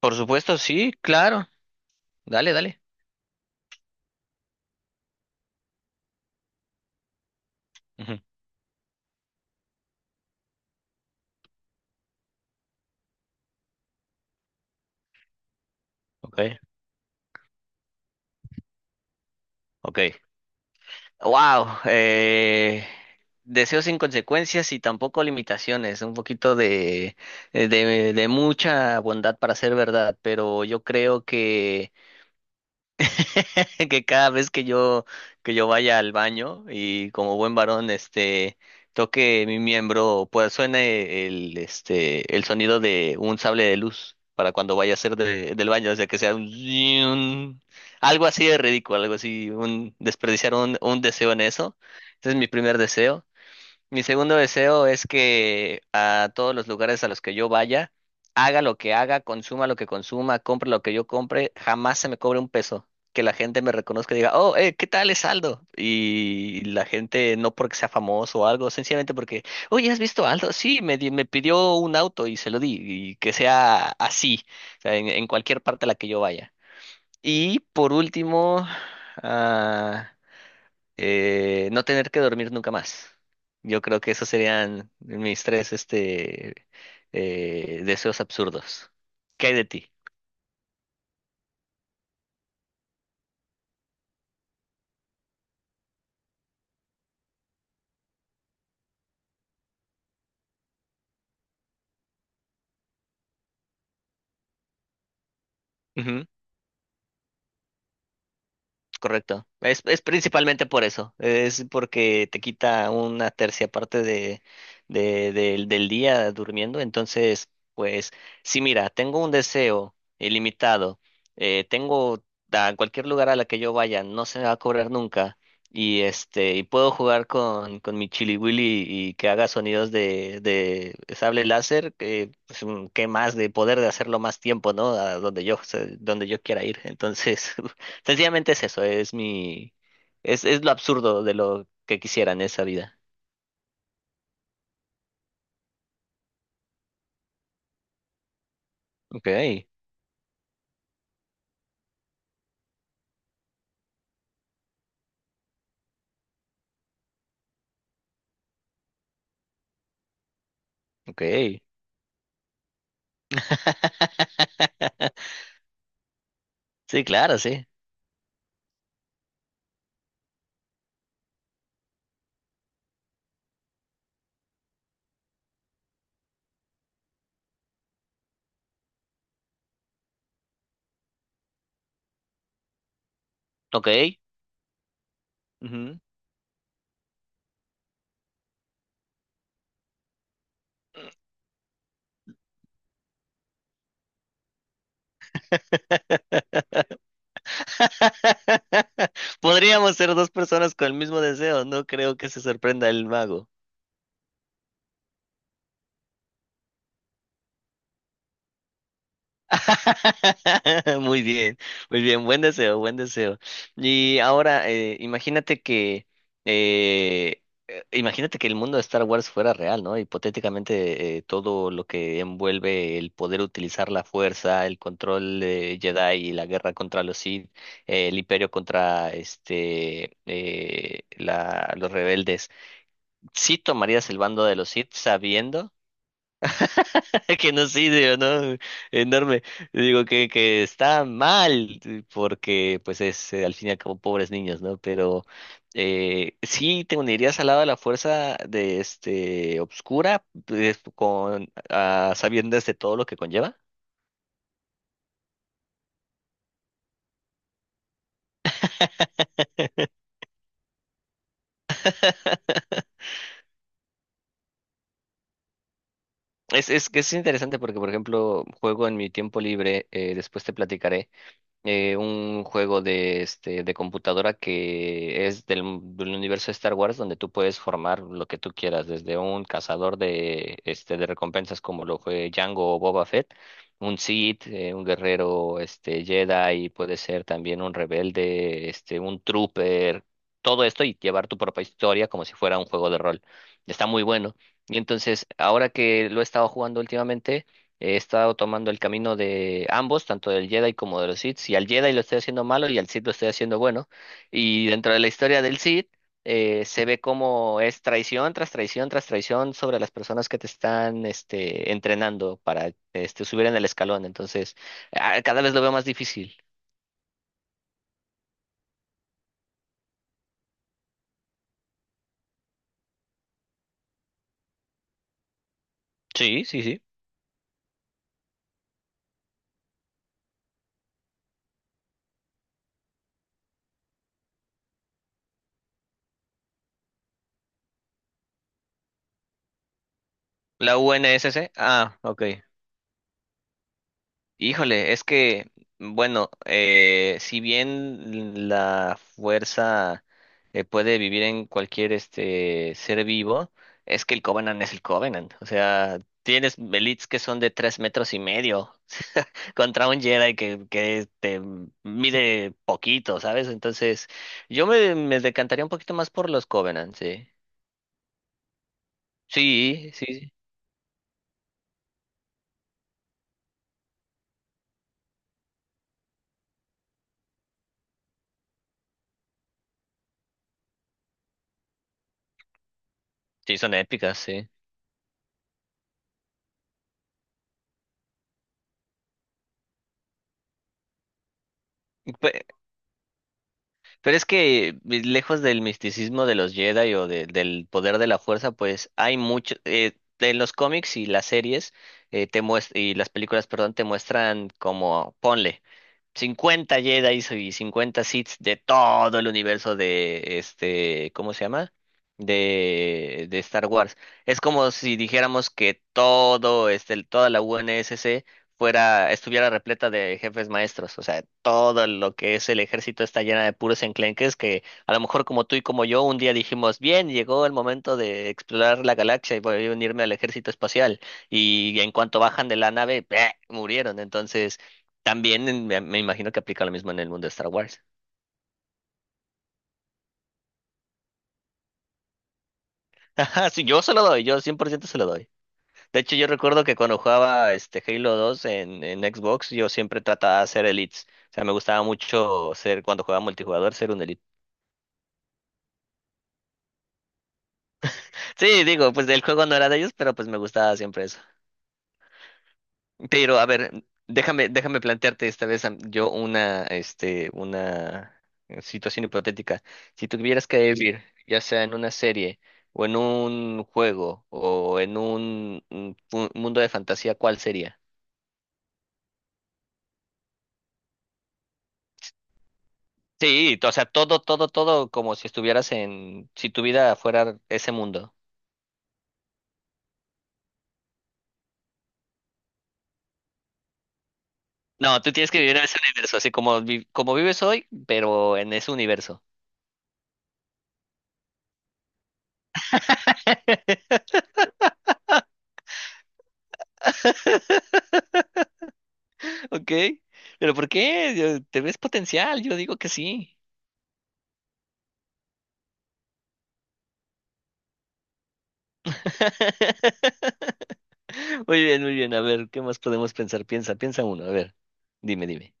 Por supuesto, sí, claro. Dale, dale. Ujú. Ok, ok. Wow. Deseos sin consecuencias y tampoco limitaciones. Un poquito de, de mucha bondad para ser verdad, pero yo creo que que cada vez que yo vaya al baño y como buen varón este toque mi miembro, pues suene el este el sonido de un sable de luz para cuando vaya a ser del baño, o sea que sea un, zing, algo así de ridículo, algo así un desperdiciar un deseo en eso. Ese es mi primer deseo. Mi segundo deseo es que a todos los lugares a los que yo vaya, haga lo que haga, consuma lo que consuma, compre lo que yo compre, jamás se me cobre un peso. Que la gente me reconozca y diga, oh, ¿qué tal es Aldo? Y la gente no porque sea famoso o algo, sencillamente porque, oye, ¿has visto a Aldo? Sí, me pidió un auto y se lo di. Y que sea así, o sea, en cualquier parte a la que yo vaya. Y por último, ah, no tener que dormir nunca más. Yo creo que esos serían mis tres deseos absurdos. ¿Qué hay de ti? Correcto. Es principalmente por eso. Es porque te quita una tercia parte de, del día durmiendo. Entonces, pues, si mira, tengo un deseo ilimitado, tengo a cualquier lugar a la que yo vaya, no se me va a cobrar nunca. Y este, y puedo jugar con mi Chili Willy y que haga sonidos de sable láser, que pues, qué más de poder de hacerlo más tiempo, ¿no? Donde yo quiera ir. Entonces, sencillamente es eso, es lo absurdo de lo que quisiera en esa vida. Ok, ok. Sí, claro, sí. Ok. Ujú. Podríamos ser dos personas con el mismo deseo, no creo que se sorprenda el mago. Muy bien, muy bien, buen deseo, buen deseo. Y ahora, eh, imagínate que el mundo de Star Wars fuera real, ¿no? Hipotéticamente, todo lo que envuelve el poder utilizar la fuerza, el control de Jedi y la guerra contra los Sith, el imperio contra los rebeldes. ¿Sí tomarías el bando de los Sith sabiendo? Genocidio, ¿no? Enorme. Digo que está mal, porque pues es al fin y al cabo pobres niños, ¿no? Pero sí te unirías al lado de la fuerza de este obscura, pues, con a sabiendas de todo lo que conlleva. Es que es interesante porque, por ejemplo, juego en mi tiempo libre, después te platicaré. Un juego de, este, de computadora que es del universo de Star Wars donde tú puedes formar lo que tú quieras, desde un cazador de, este, de recompensas como lo fue Django o Boba Fett, un Sith, un guerrero este, Jedi, puede ser también un rebelde, este, un trooper, todo esto y llevar tu propia historia como si fuera un juego de rol. Está muy bueno. Y entonces, ahora que lo he estado jugando últimamente, he estado tomando el camino de ambos, tanto del Jedi como de los Sith. Y al Jedi lo estoy haciendo malo y al Sith lo estoy haciendo bueno. Y dentro de la historia del Sith, se ve cómo es traición tras traición tras traición sobre las personas que te están este, entrenando para este, subir en el escalón. Entonces, cada vez lo veo más difícil. Sí, sí, sí. La UNSC. Ah, ok. Híjole, es que, bueno, si bien la fuerza puede vivir en cualquier este ser vivo, es que el Covenant es el Covenant. O sea, tienes elites que son de tres metros y medio contra un Jedi que este, mide poquito, ¿sabes? Entonces, me decantaría un poquito más por los Covenant, sí. Sí, sí, sí, son épicas, sí. Pero es que lejos del misticismo de los Jedi o del poder de la fuerza, pues hay mucho en los cómics y las series y las películas, perdón, te muestran como ponle. 50 Jedi y 50 Sith de todo el universo de este, ¿cómo se llama? De Star Wars. Es como si dijéramos que todo este, toda la UNSC fuera, estuviera repleta de jefes maestros. O sea, todo lo que es el ejército está llena de puros enclenques que a lo mejor como tú y como yo un día dijimos, bien, llegó el momento de explorar la galaxia y voy a unirme al ejército espacial. Y en cuanto bajan de la nave, ¡bleh! Murieron. Entonces también me imagino que aplica lo mismo en el mundo de Star Wars. Ajá, sí, yo se lo doy, yo 100% se lo doy. De hecho, yo recuerdo que cuando jugaba este Halo 2 en Xbox, yo siempre trataba de hacer elites. O sea, me gustaba mucho ser, cuando jugaba multijugador, ser un elite. Sí, digo, pues el juego no era de ellos, pero pues me gustaba siempre eso. Pero a ver, déjame plantearte esta vez una situación hipotética. Si tuvieras que Sí. vivir, ya sea en una serie o en un juego o en un mundo de fantasía, ¿cuál sería? Sí, o sea, todo, todo, todo como si estuvieras en, si tu vida fuera ese mundo. No, tú tienes que vivir en ese universo, así como, como vives hoy, pero en ese universo. Ok, pero ¿por qué? ¿Te ves potencial? Yo digo que sí. Muy bien, muy bien. A ver, ¿qué más podemos pensar? Piensa, piensa uno. A ver, dime, dime.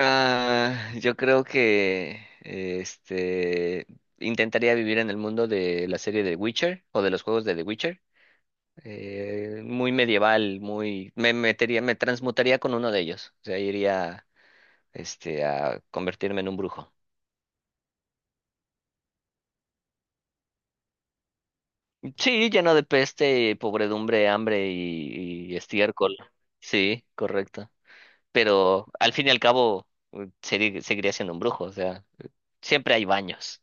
Ah, yo creo que este intentaría vivir en el mundo de la serie de Witcher o de los juegos de The Witcher. Muy medieval, muy me metería, me transmutaría con uno de ellos. O sea, iría este a convertirme en un brujo. Sí, lleno de peste, pobredumbre, hambre y estiércol. Sí, correcto. Pero al fin y al cabo seguiría siendo un brujo, o sea, siempre hay baños.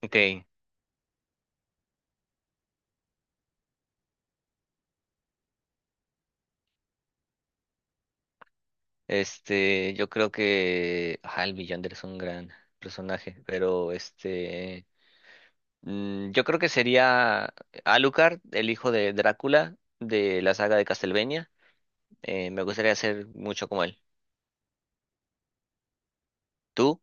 Ok, este, yo creo que el Villander es un gran personaje, pero este, yo creo que sería Alucard, el hijo de Drácula de la saga de Castlevania. Me gustaría ser mucho como él. ¿Tú?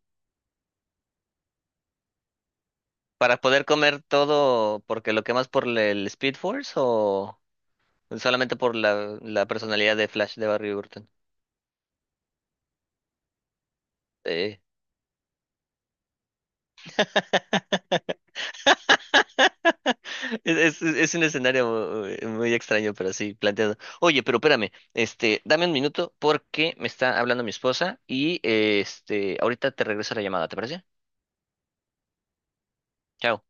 ¿Para poder comer todo porque lo quemas por el Speed Force o solamente por la, la personalidad de Flash de Barry Burton? Eh, es un escenario muy extraño, pero sí planteado. Oye, pero espérame, este, dame un minuto porque me está hablando mi esposa y este, ahorita te regreso la llamada, ¿te parece? Chao.